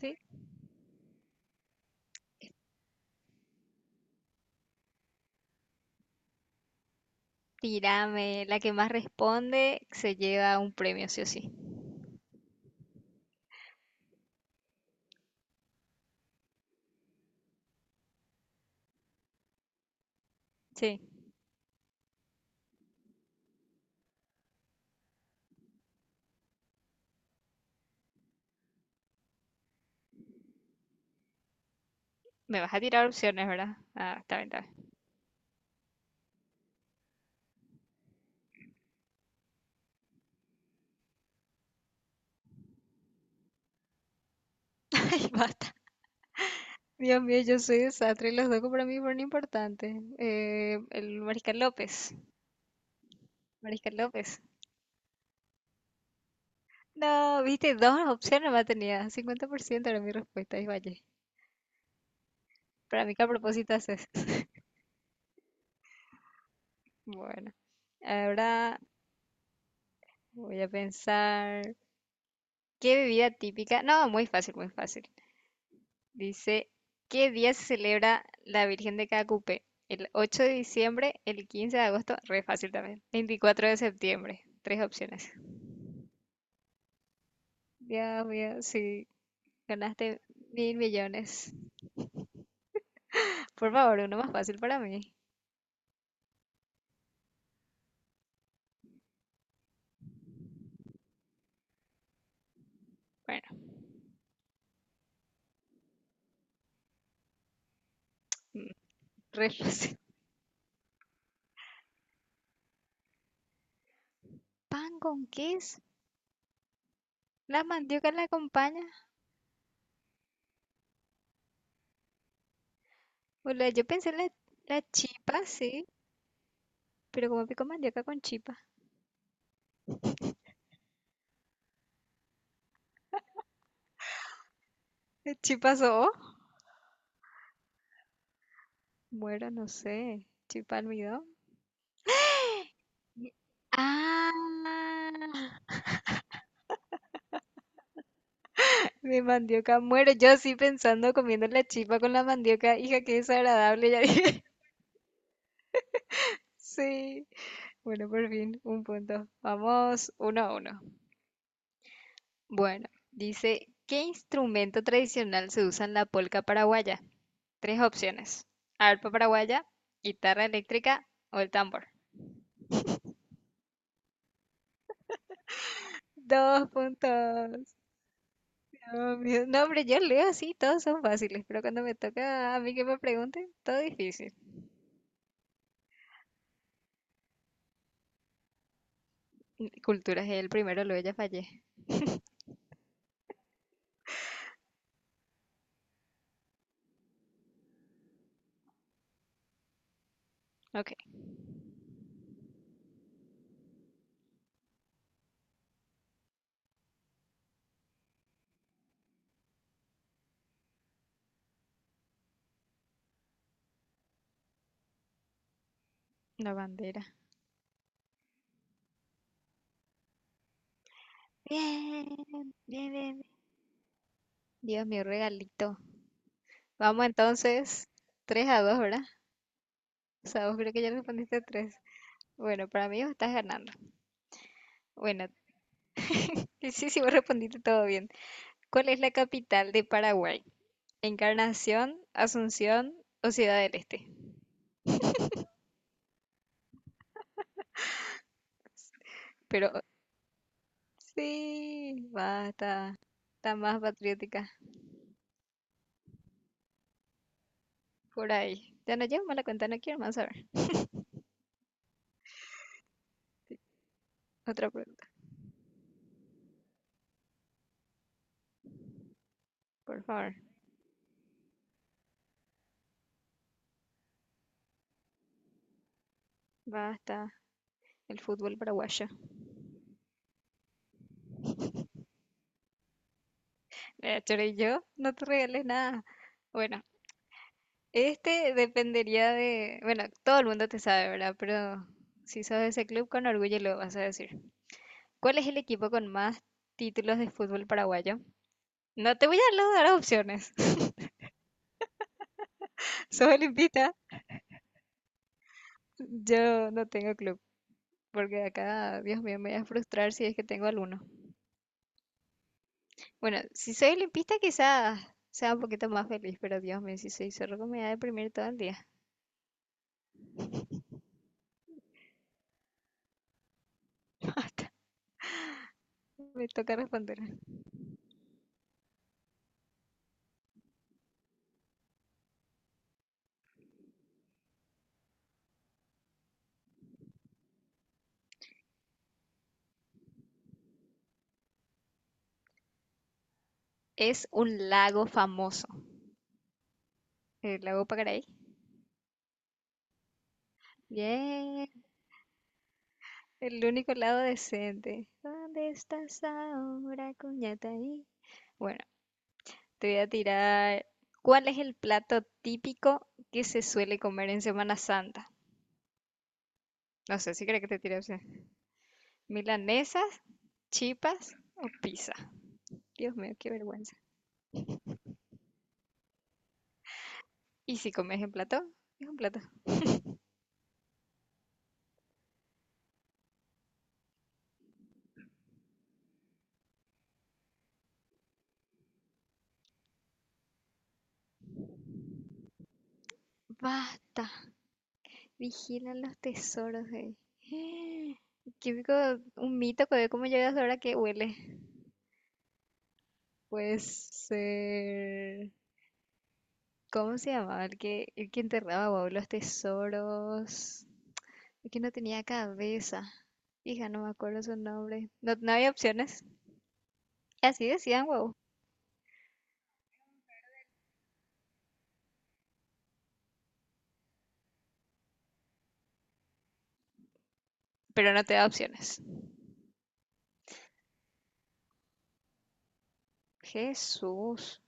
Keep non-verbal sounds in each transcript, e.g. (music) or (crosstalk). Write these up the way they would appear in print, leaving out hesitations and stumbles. Sí, tírame. La que más responde se lleva un premio, sí o sí. Sí, me vas a tirar opciones, ¿verdad? Ah, está bien, está bien. (laughs) Ay, basta. Dios mío, yo soy desastre. Los dos para mí fueron importantes. El Mariscal López. Mariscal López. No, viste, dos opciones más tenía. 50% era mi respuesta. Y vaya. Para mí, ¿qué a propósito haces? (laughs) Bueno, ahora voy a pensar. ¿Qué bebida típica? No, muy fácil, muy fácil. Dice, ¿qué día se celebra la Virgen de Cacupe? El 8 de diciembre, el 15 de agosto, re fácil también. 24 de septiembre, tres opciones. Dios mío, sí, ganaste mil millones. Por favor, uno más fácil para mí. Bueno, mm, re fácil. ¿Pan con queso? ¿La mandioca la acompaña? Yo pensé en la chipa, sí, pero como pico mandioca con chipa. ¿Chipa o bueno, no sé. ¿Chipa almidón? Ah, de mandioca muero. Yo así pensando comiendo la chipa con la mandioca. Hija, qué desagradable. Ya dije. (laughs) Sí. Bueno, por fin, un punto. Vamos, uno a uno. Bueno, dice, ¿qué instrumento tradicional se usa en la polca paraguaya? Tres opciones. Arpa paraguaya, guitarra eléctrica o el tambor. Dos puntos. Dios mío. No, hombre, yo leo así, todos son fáciles, pero cuando me toca a mí que me pregunten, todo difícil. Cultura es el primero, luego ya fallé. Ok, la bandera. Bien, bien, bien. Dios mío, regalito. Vamos entonces, 3 a dos, ¿verdad? O sea, vos creo que ya respondiste tres. Bueno, para mí vos estás ganando. Bueno, sí, sí, sí, vos respondiste todo bien. ¿Cuál es la capital de Paraguay? Encarnación, Asunción o Ciudad del Este. Pero sí, basta. Está más patriótica. Por ahí. Ya no llevo más la cuenta, no quiero más saber. Otra pregunta, por favor. Basta. El fútbol paraguayo. Pero yo no te regalé nada. Bueno, este dependería de, bueno, todo el mundo te sabe, ¿verdad? Pero si sos de ese club, con orgullo lo vas a decir. ¿Cuál es el equipo con más títulos de fútbol paraguayo? No te voy a dar opciones. (laughs) Sos olimpista, yo no tengo club. Porque acá, Dios mío, me voy a frustrar si es que tengo alguno. Bueno, si soy olimpista, quizás sea un poquito más feliz, pero Dios mío, si soy zorro, me voy a deprimir todo el día. (laughs) Basta, me toca responder. Es un lago famoso, el lago Pacaraí. Bien, el único lago decente. ¿Dónde estás ahora, ahí? Bueno, te voy a tirar. ¿Cuál es el plato típico que se suele comer en Semana Santa? No sé si crees que te tire opción. ¿Milanesas, chipas o pizza? Dios mío, qué vergüenza. ¿Y si comes en plato? Es un plato. Basta. Vigilan los tesoros, güey. (gasps) Típico, un mito, güey. ¿Cómo llegas ahora que huele? Puede ser. ¿Cómo se llamaba? El que enterraba, wow, los tesoros. El que no tenía cabeza. Hija, no me acuerdo su nombre. No, no había opciones. Así decían, wow. Pero no te da opciones. Jesús.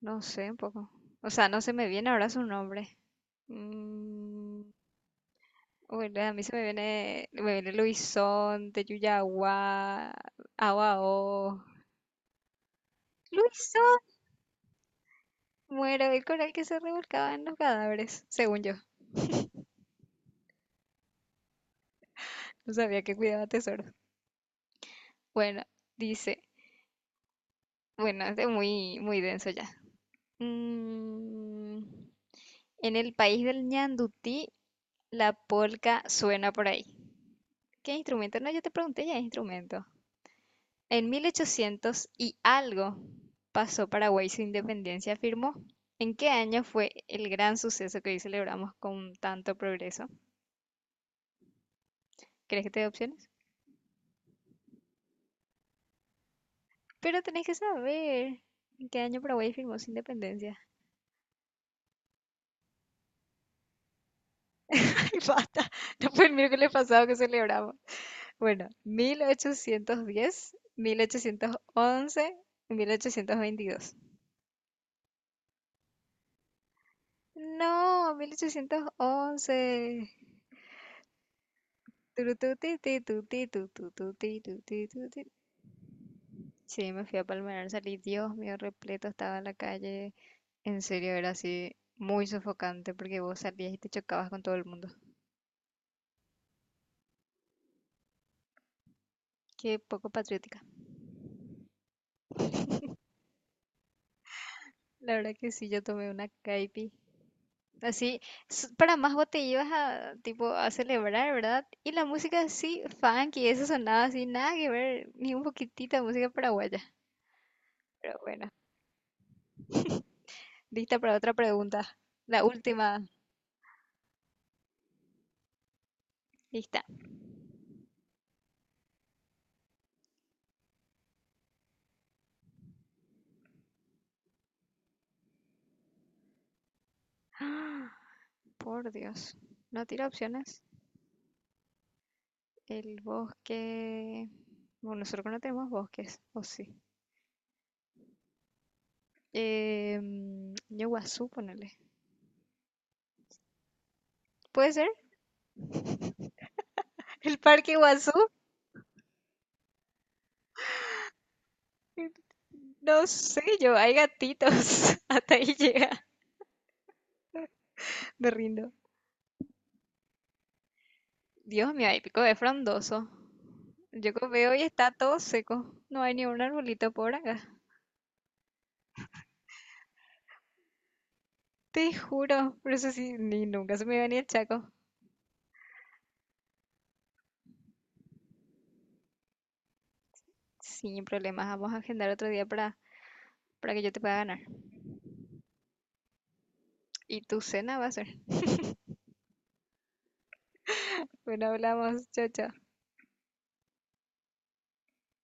No sé un poco. O sea, no se me viene ahora su nombre. Mm, Bueno, a mí se me viene Luisón de Yuyagua Abao. Luisón, muero, el coral que se revolcaba en los cadáveres, según yo. No sabía que cuidaba tesoros. Bueno, dice, bueno, es de muy, muy denso ya. Mm, en el país del ñandutí, la polca suena por ahí. ¿Qué instrumento? No, yo te pregunté ya, instrumento. En 1800 y algo pasó Paraguay su independencia, afirmó. ¿En qué año fue el gran suceso que hoy celebramos con tanto progreso? ¿Crees que te dé opciones? Pero tenés que saber en qué año Paraguay firmó su independencia. (laughs) Ay, basta. No fue el miércoles pasado que celebramos. Bueno, 1810, 1811, 1822. No, 1811. Turututitutitututitutituti. Sí, me fui a Palmerar, salí, Dios mío, repleto, estaba en la calle. En serio, era así muy sofocante porque vos salías y te chocabas con todo el mundo. Qué poco patriótica. La verdad que sí, yo tomé una caipi. Así, para más vos te ibas a, tipo, a celebrar, ¿verdad? Y la música así, funky, eso sonaba así, nada que ver, ni un poquitito de música paraguaya. Pero bueno, lista para otra pregunta. La última, lista. (gasps) Por Dios, no tira opciones. El bosque. Bueno, nosotros no tenemos bosques, o sí. Eh, yo Guazú, ponele. ¿Puede ser? (laughs) ¿El parque Guazú? No sé yo, hay gatitos. (laughs) Hasta ahí llega. Me rindo. Dios mío, hay pico de frondoso. Veo y está todo seco. No hay ni un arbolito por acá. Te juro. Por eso sí, ni nunca se me iba ni el chaco. Sin problemas, vamos a agendar otro día para que yo te pueda ganar. Y tu cena va a ser. Bueno, hablamos. Chao, chao.